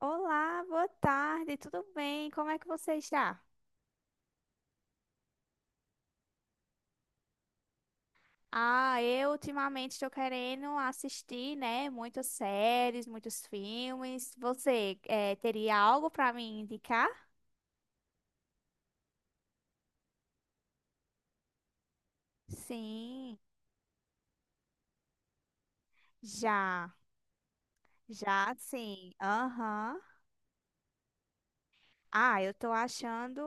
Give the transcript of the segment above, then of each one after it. Olá, boa tarde, tudo bem? Como é que você está? Ah, eu ultimamente estou querendo assistir, né, muitas séries, muitos filmes. Você teria algo para me indicar? Sim, já, já sim. Aham. Ah, eu tô achando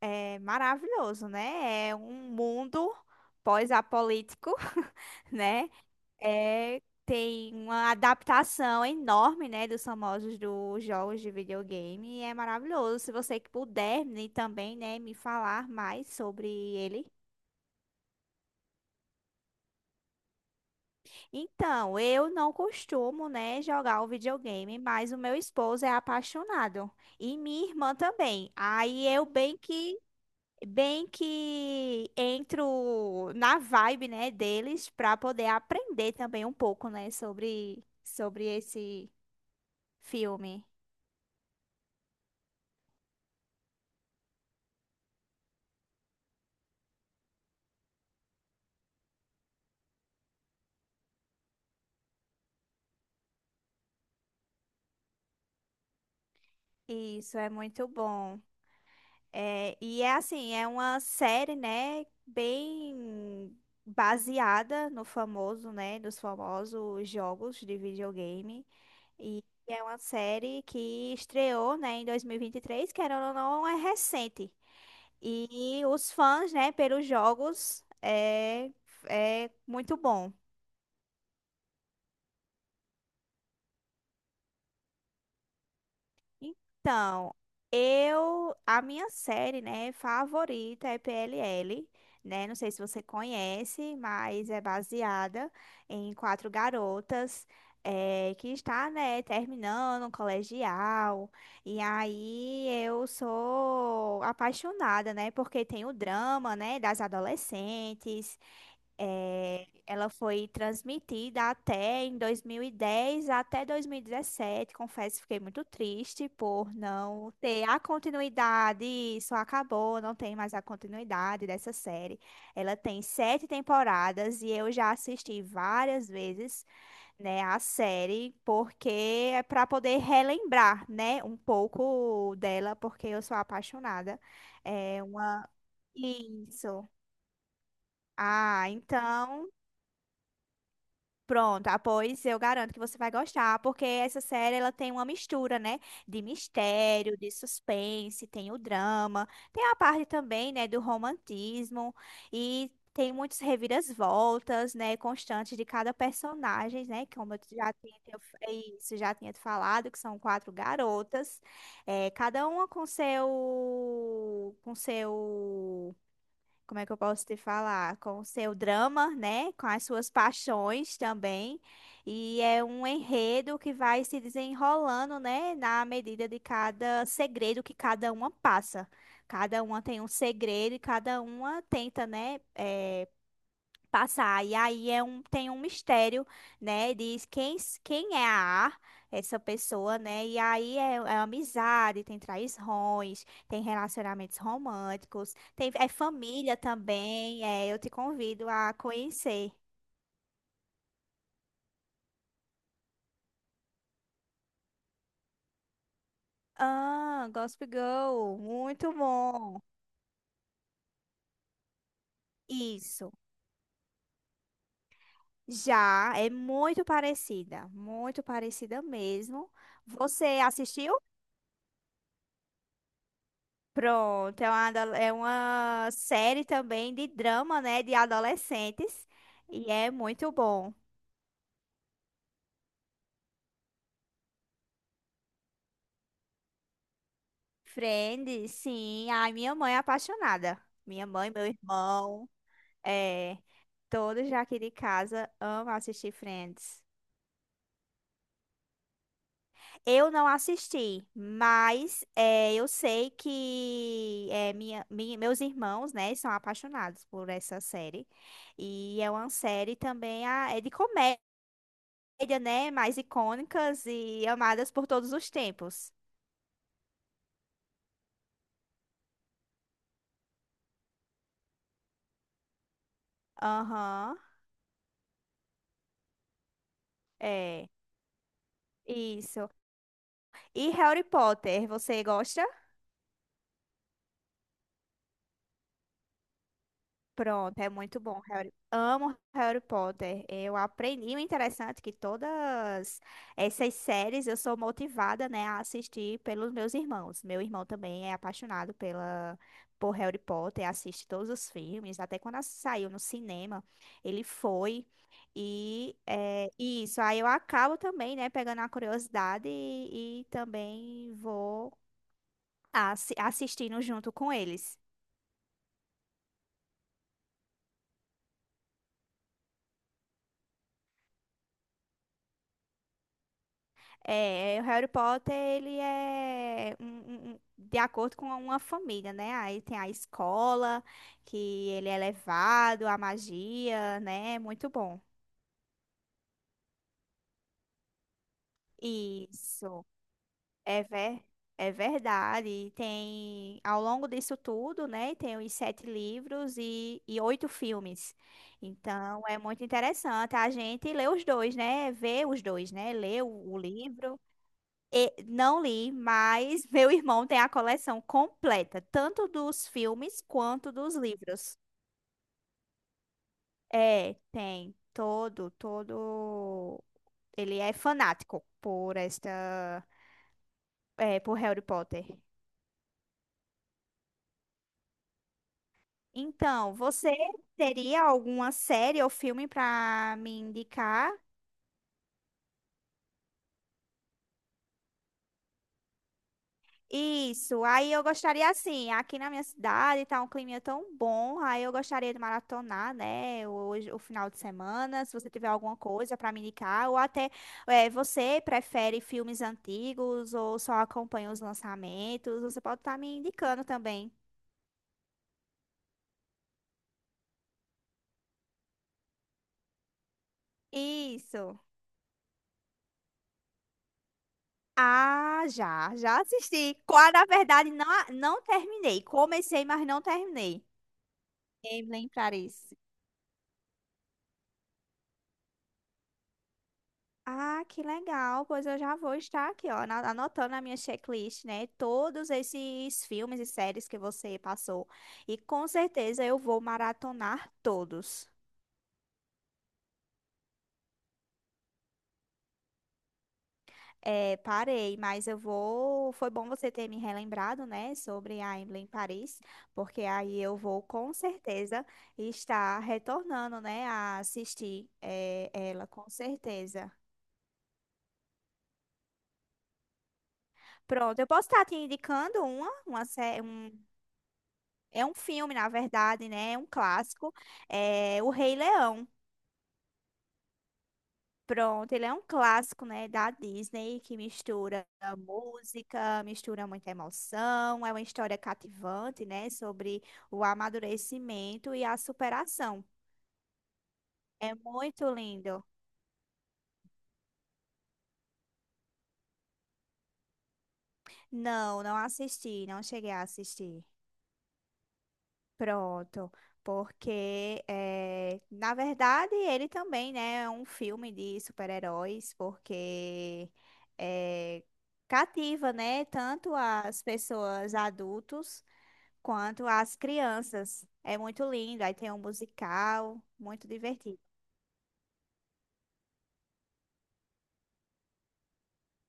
maravilhoso, né? É um mundo pós-apolítico, né? É, tem uma adaptação enorme, né, dos famosos dos jogos de videogame e é maravilhoso. Se você que puder me também, né, me falar mais sobre ele. Então, eu não costumo, né, jogar o videogame, mas o meu esposo é apaixonado e minha irmã também. Aí eu bem que entro na vibe, né, deles para poder aprender também um pouco, né, sobre esse filme. Isso é muito bom. É, e é assim, é uma série, né, bem baseada no famoso, né, dos famosos jogos de videogame. E é uma série que estreou, né, em 2023, que era ou não, é recente. E os fãs, né, pelos jogos é muito bom. Então, a minha série, né, favorita é PLL, né? Não sei se você conhece, mas é baseada em quatro garotas que está, né, terminando o colegial. E aí eu sou apaixonada, né? Porque tem o drama, né, das adolescentes, ela foi transmitida até em 2010 até 2017. Confesso, que fiquei muito triste por não ter a continuidade. Isso acabou, não tem mais a continuidade dessa série. Ela tem sete temporadas e eu já assisti várias vezes, né, a série, porque é para poder relembrar, né, um pouco dela, porque eu sou apaixonada. É uma... Isso. Ah, então Pronto, pois eu garanto que você vai gostar, porque essa série ela tem uma mistura, né, de mistério, de suspense, tem o drama, tem a parte também, né, do romantismo e tem muitas reviravoltas, né, constantes de cada personagem, né, como eu já tinha é isso, já tinha te falado, que são quatro garotas, cada uma com seu como é que eu posso te falar? Com o seu drama, né? Com as suas paixões também. E é um enredo que vai se desenrolando, né? Na medida de cada segredo que cada uma passa. Cada uma tem um segredo e cada uma tenta, né? Passar. E aí tem um mistério, né? Diz quem, quem é a A, essa pessoa, né? E aí é amizade, tem traições, tem relacionamentos românticos, tem, é família também. É, eu te convido a conhecer. Ah, Gossip Girl, muito bom. Isso. Já é muito parecida mesmo. Você assistiu? Pronto, é uma série também de drama, né, de adolescentes. E é muito bom. Friends, sim. Ai, minha mãe é apaixonada. Minha mãe, meu irmão, é, todos já aqui de casa amam assistir Friends. Eu não assisti, mas eu sei que meus irmãos, né, são apaixonados por essa série. E é uma série também é de comédia. Comédia, né? Mais icônicas e amadas por todos os tempos. Aham, é. Isso. E Harry Potter, você gosta? Pronto, é muito bom. Harry. Amo Harry Potter. Eu aprendi o interessante é que todas essas séries eu sou motivada, né, a assistir pelos meus irmãos. Meu irmão também é apaixonado pela por Harry Potter, assiste todos os filmes, até quando saiu no cinema, ele foi. E e isso, aí eu acabo também, né, pegando a curiosidade e também vou assistindo junto com eles. É, é, o Harry Potter, ele é de acordo com uma família, né? Aí tem a escola, que ele é levado, a magia, né? Muito bom. Isso, é, ver, é verdade. E tem, ao longo disso tudo, né? Tem os sete livros e oito filmes. Então, é muito interessante. A gente lê os dois, né? Vê os dois, né? Lê o livro. Não li, mas meu irmão tem a coleção completa, tanto dos filmes quanto dos livros. É, tem todo, todo. Ele é fanático por esta, por Harry Potter. Então, você teria alguma série ou filme para me indicar? Isso, aí eu gostaria assim, aqui na minha cidade tá um clima tão bom, aí eu gostaria de maratonar, né, hoje, o final de semana, se você tiver alguma coisa para me indicar, ou até você prefere filmes antigos ou só acompanha os lançamentos, você pode estar me indicando também. Isso. Ah, já, já assisti. Na verdade, não, não terminei. Comecei, mas não terminei. Emily Paris. Ah, que legal. Pois eu já vou estar aqui, ó, anotando na minha checklist, né? Todos esses filmes e séries que você passou. E com certeza eu vou maratonar todos. É, parei, mas eu vou. Foi bom você ter me relembrado, né, sobre a Emily em Paris, porque aí eu vou com certeza estar retornando, né, a assistir ela, com certeza. Pronto, eu posso estar te indicando uma série. É um filme, na verdade, né? É um clássico. É O Rei Leão. Pronto, ele é um clássico, né, da Disney que mistura música, mistura muita emoção, é uma história cativante, né, sobre o amadurecimento e a superação. É muito lindo. Não, não assisti, não cheguei a assistir. Pronto, porque na verdade ele também, né, é um filme de super-heróis, porque eh, cativa, né, tanto as pessoas adultos quanto as crianças. É muito lindo, aí tem um musical, muito divertido.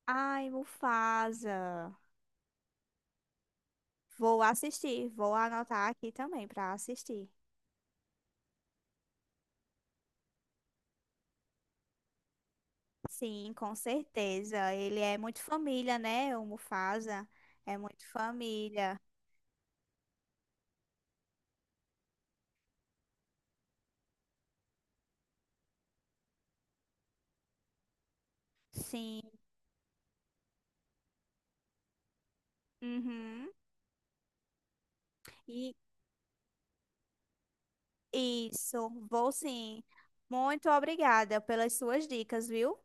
Ai, Mufasa, vou assistir, vou anotar aqui também para assistir. Sim, com certeza. Ele é muito família, né? O Mufasa é muito família. Sim. Uhum. E isso, vou sim. Muito obrigada pelas suas dicas, viu?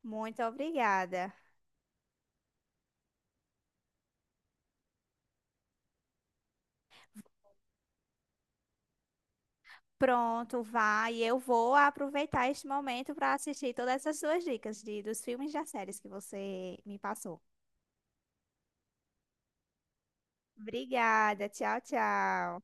Muito obrigada. Pronto, vai. Eu vou aproveitar este momento para assistir todas essas suas dicas dos filmes e das séries que você me passou. Obrigada. Tchau, tchau.